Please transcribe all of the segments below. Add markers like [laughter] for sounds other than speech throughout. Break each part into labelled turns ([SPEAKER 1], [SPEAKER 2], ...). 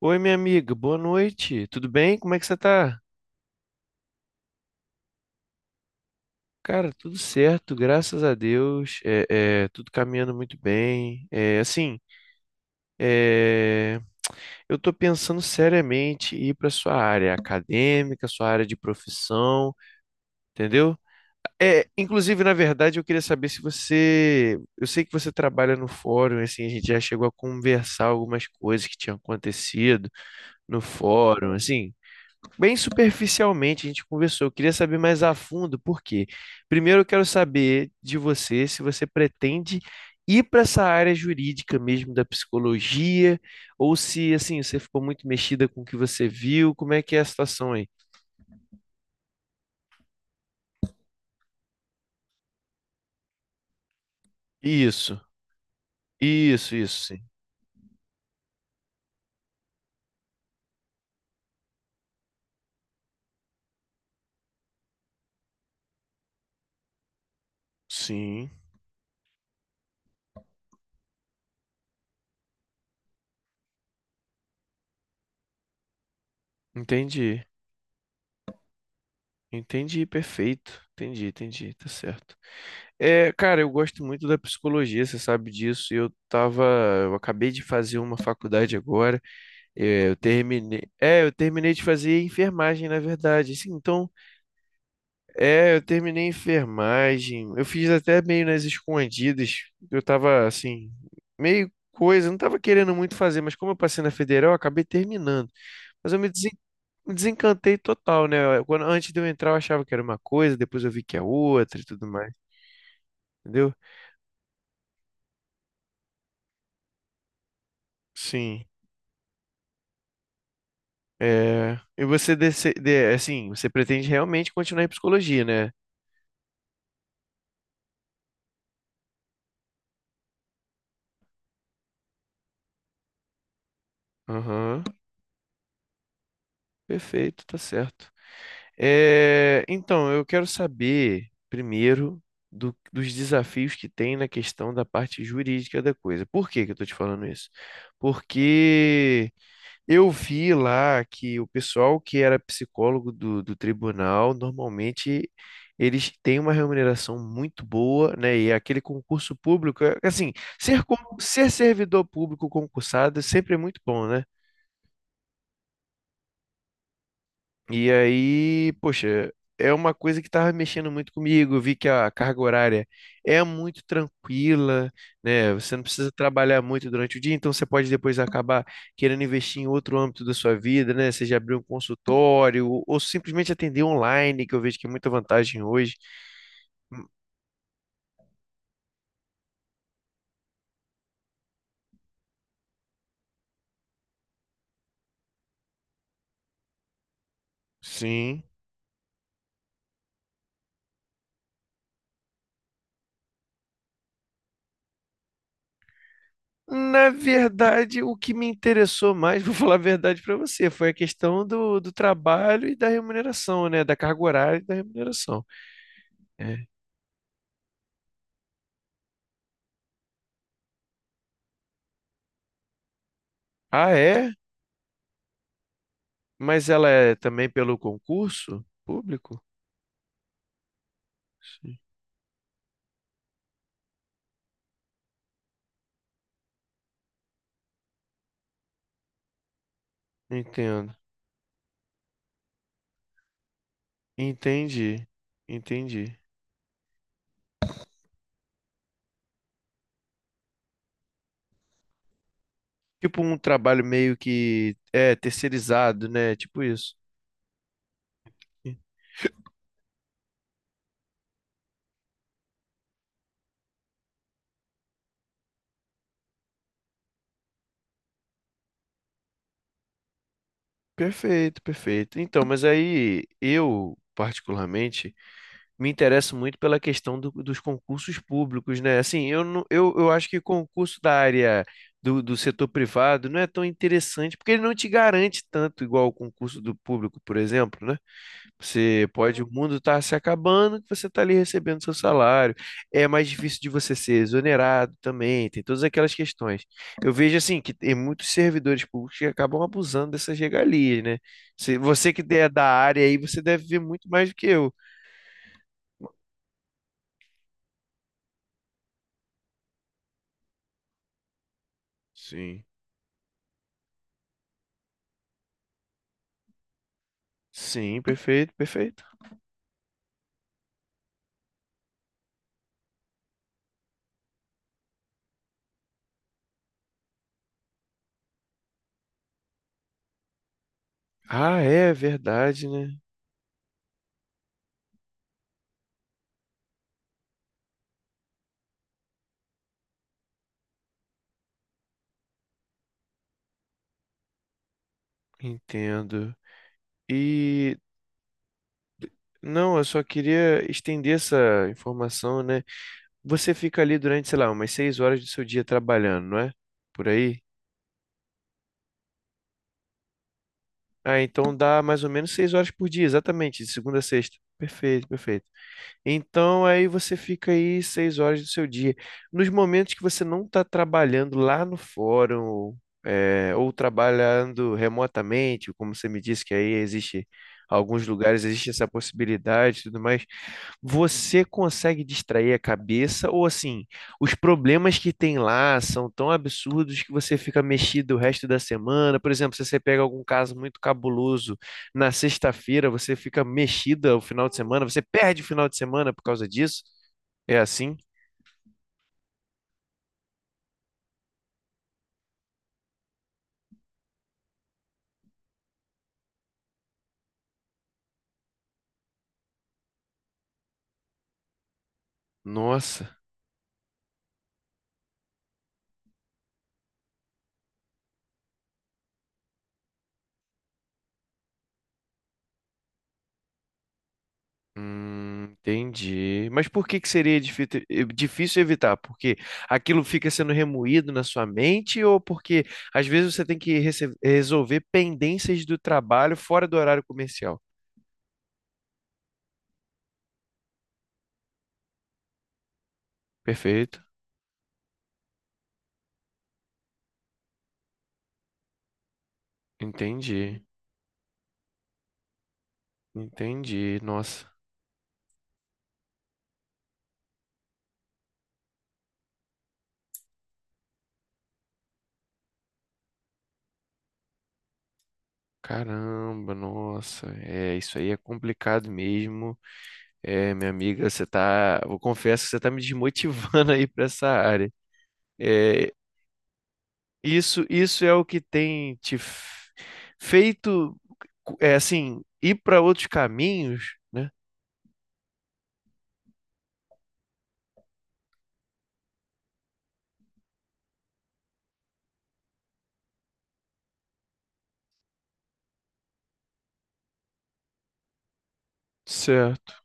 [SPEAKER 1] Oi, minha amiga, boa noite. Tudo bem? Como é que você tá? Cara, tudo certo, graças a Deus. Tudo caminhando muito bem. É, eu tô pensando seriamente em ir para sua área acadêmica, sua área de profissão, entendeu? Inclusive, na verdade, eu queria saber se você, eu sei que você trabalha no fórum, assim, a gente já chegou a conversar algumas coisas que tinham acontecido no fórum, assim. Bem superficialmente a gente conversou, eu queria saber mais a fundo por quê. Primeiro eu quero saber de você se você pretende ir para essa área jurídica mesmo da psicologia, ou se assim, você ficou muito mexida com o que você viu, como é que é a situação aí? Isso, isso, sim. Sim, entendi. Entendi, perfeito. Entendi, entendi, tá certo. É, cara, eu gosto muito da psicologia, você sabe disso. Eu tava, eu acabei de fazer uma faculdade agora. É, eu terminei. É, eu terminei de fazer enfermagem, na verdade. Assim, então, eu terminei enfermagem. Eu fiz até meio nas escondidas. Eu tava assim, meio coisa, não tava querendo muito fazer, mas como eu passei na federal, eu acabei terminando. Mas me desencantei total, né? Quando, antes de eu entrar, eu achava que era uma coisa, depois eu vi que é outra e tudo mais, entendeu? Sim. É... E você, assim, você pretende realmente continuar em psicologia, né? Aham, perfeito, tá certo. É, então, eu quero saber primeiro dos desafios que tem na questão da parte jurídica da coisa. Por que que eu estou te falando isso? Porque eu vi lá que o pessoal que era psicólogo do tribunal, normalmente eles têm uma remuneração muito boa, né? E é aquele concurso público, assim, ser servidor público concursado sempre é muito bom, né? E aí, poxa, é uma coisa que estava mexendo muito comigo. Eu vi que a carga horária é muito tranquila, né? Você não precisa trabalhar muito durante o dia, então você pode depois acabar querendo investir em outro âmbito da sua vida, né? Seja abrir um consultório ou simplesmente atender online, que eu vejo que é muita vantagem hoje. Hum, Sim. Na verdade, o que me interessou mais, [laughs] vou falar a verdade para você, foi a questão do trabalho e da remuneração, né? Da carga horária e da remuneração. É. Ah, é? Mas ela é também pelo concurso público? Sim. Entendo. Entendi. Entendi. Tipo um trabalho meio que é terceirizado, né? Tipo isso. Perfeito, perfeito. Então, mas aí eu, particularmente, me interesso muito pela questão dos concursos públicos, né? Assim, eu, não, eu acho que concurso da área do setor privado não é tão interessante, porque ele não te garante tanto igual o concurso do público, por exemplo, né? Você pode, o mundo está se acabando, que você está ali recebendo seu salário. É mais difícil de você ser exonerado também, tem todas aquelas questões. Eu vejo assim que tem muitos servidores públicos que acabam abusando dessas regalias, né? Se você que é da área aí, você deve ver muito mais do que eu. Sim. Sim, perfeito, perfeito. Ah, é verdade, né? Entendo. E não, eu só queria estender essa informação, né? Você fica ali durante, sei lá, umas 6 horas do seu dia trabalhando, não é? Por aí? Ah, então dá mais ou menos 6 horas por dia, exatamente, de segunda a sexta. Perfeito, perfeito. Então aí você fica aí 6 horas do seu dia. Nos momentos que você não está trabalhando lá no fórum, é, ou trabalhando remotamente, como você me disse que aí existe alguns lugares, existe essa possibilidade e tudo mais. Você consegue distrair a cabeça ou assim, os problemas que tem lá são tão absurdos que você fica mexido o resto da semana? Por exemplo, se você pega algum caso muito cabuloso na sexta-feira, você fica mexida o final de semana, você perde o final de semana por causa disso? É assim? Nossa. Entendi. Mas por que que seria difícil evitar? Porque aquilo fica sendo remoído na sua mente ou porque às vezes você tem que resolver pendências do trabalho fora do horário comercial? Perfeito. Entendi. Entendi. Nossa. Caramba, nossa. É, isso aí é complicado mesmo. É, minha amiga, você tá, eu confesso que você tá me desmotivando [laughs] aí para essa área. É, isso é o que tem feito, é assim, ir para outros caminhos, né? Certo,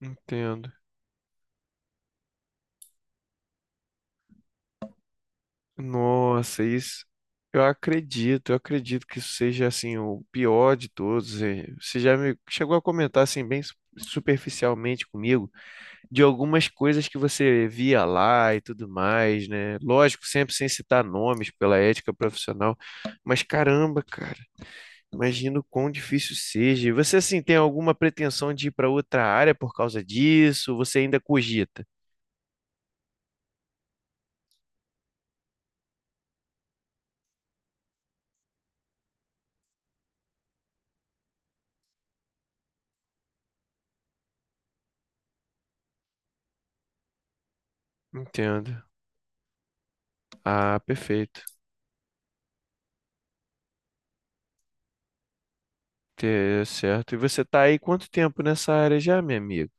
[SPEAKER 1] entendo. Nossa, isso. Eu acredito que isso seja assim o pior de todos. Eh, você já me chegou a comentar assim bem superficialmente comigo de algumas coisas que você via lá e tudo mais, né? Lógico, sempre sem citar nomes pela ética profissional, mas caramba, cara. Imagino quão difícil seja. E você, assim, tem alguma pretensão de ir para outra área por causa disso? Você ainda cogita? Entendo. Ah, perfeito. Certo. E você tá aí quanto tempo nessa área já, meu amigo?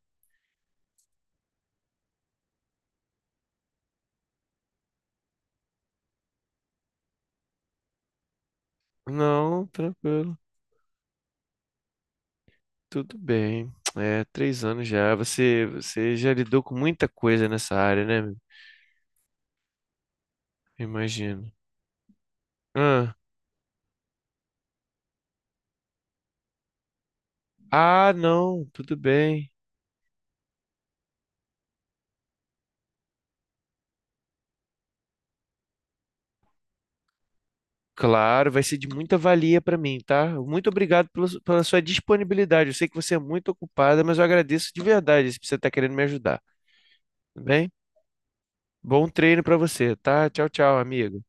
[SPEAKER 1] Não, tranquilo. Tudo bem. É, 3 anos já. Você, você já lidou com muita coisa nessa área, né? Meu? Imagino. Ah, ah, não, tudo bem. Claro, vai ser de muita valia para mim, tá? Muito obrigado pela, pela sua disponibilidade. Eu sei que você é muito ocupada, mas eu agradeço de verdade se você está querendo me ajudar, tá bem? Bom treino para você, tá? Tchau, tchau, amigo.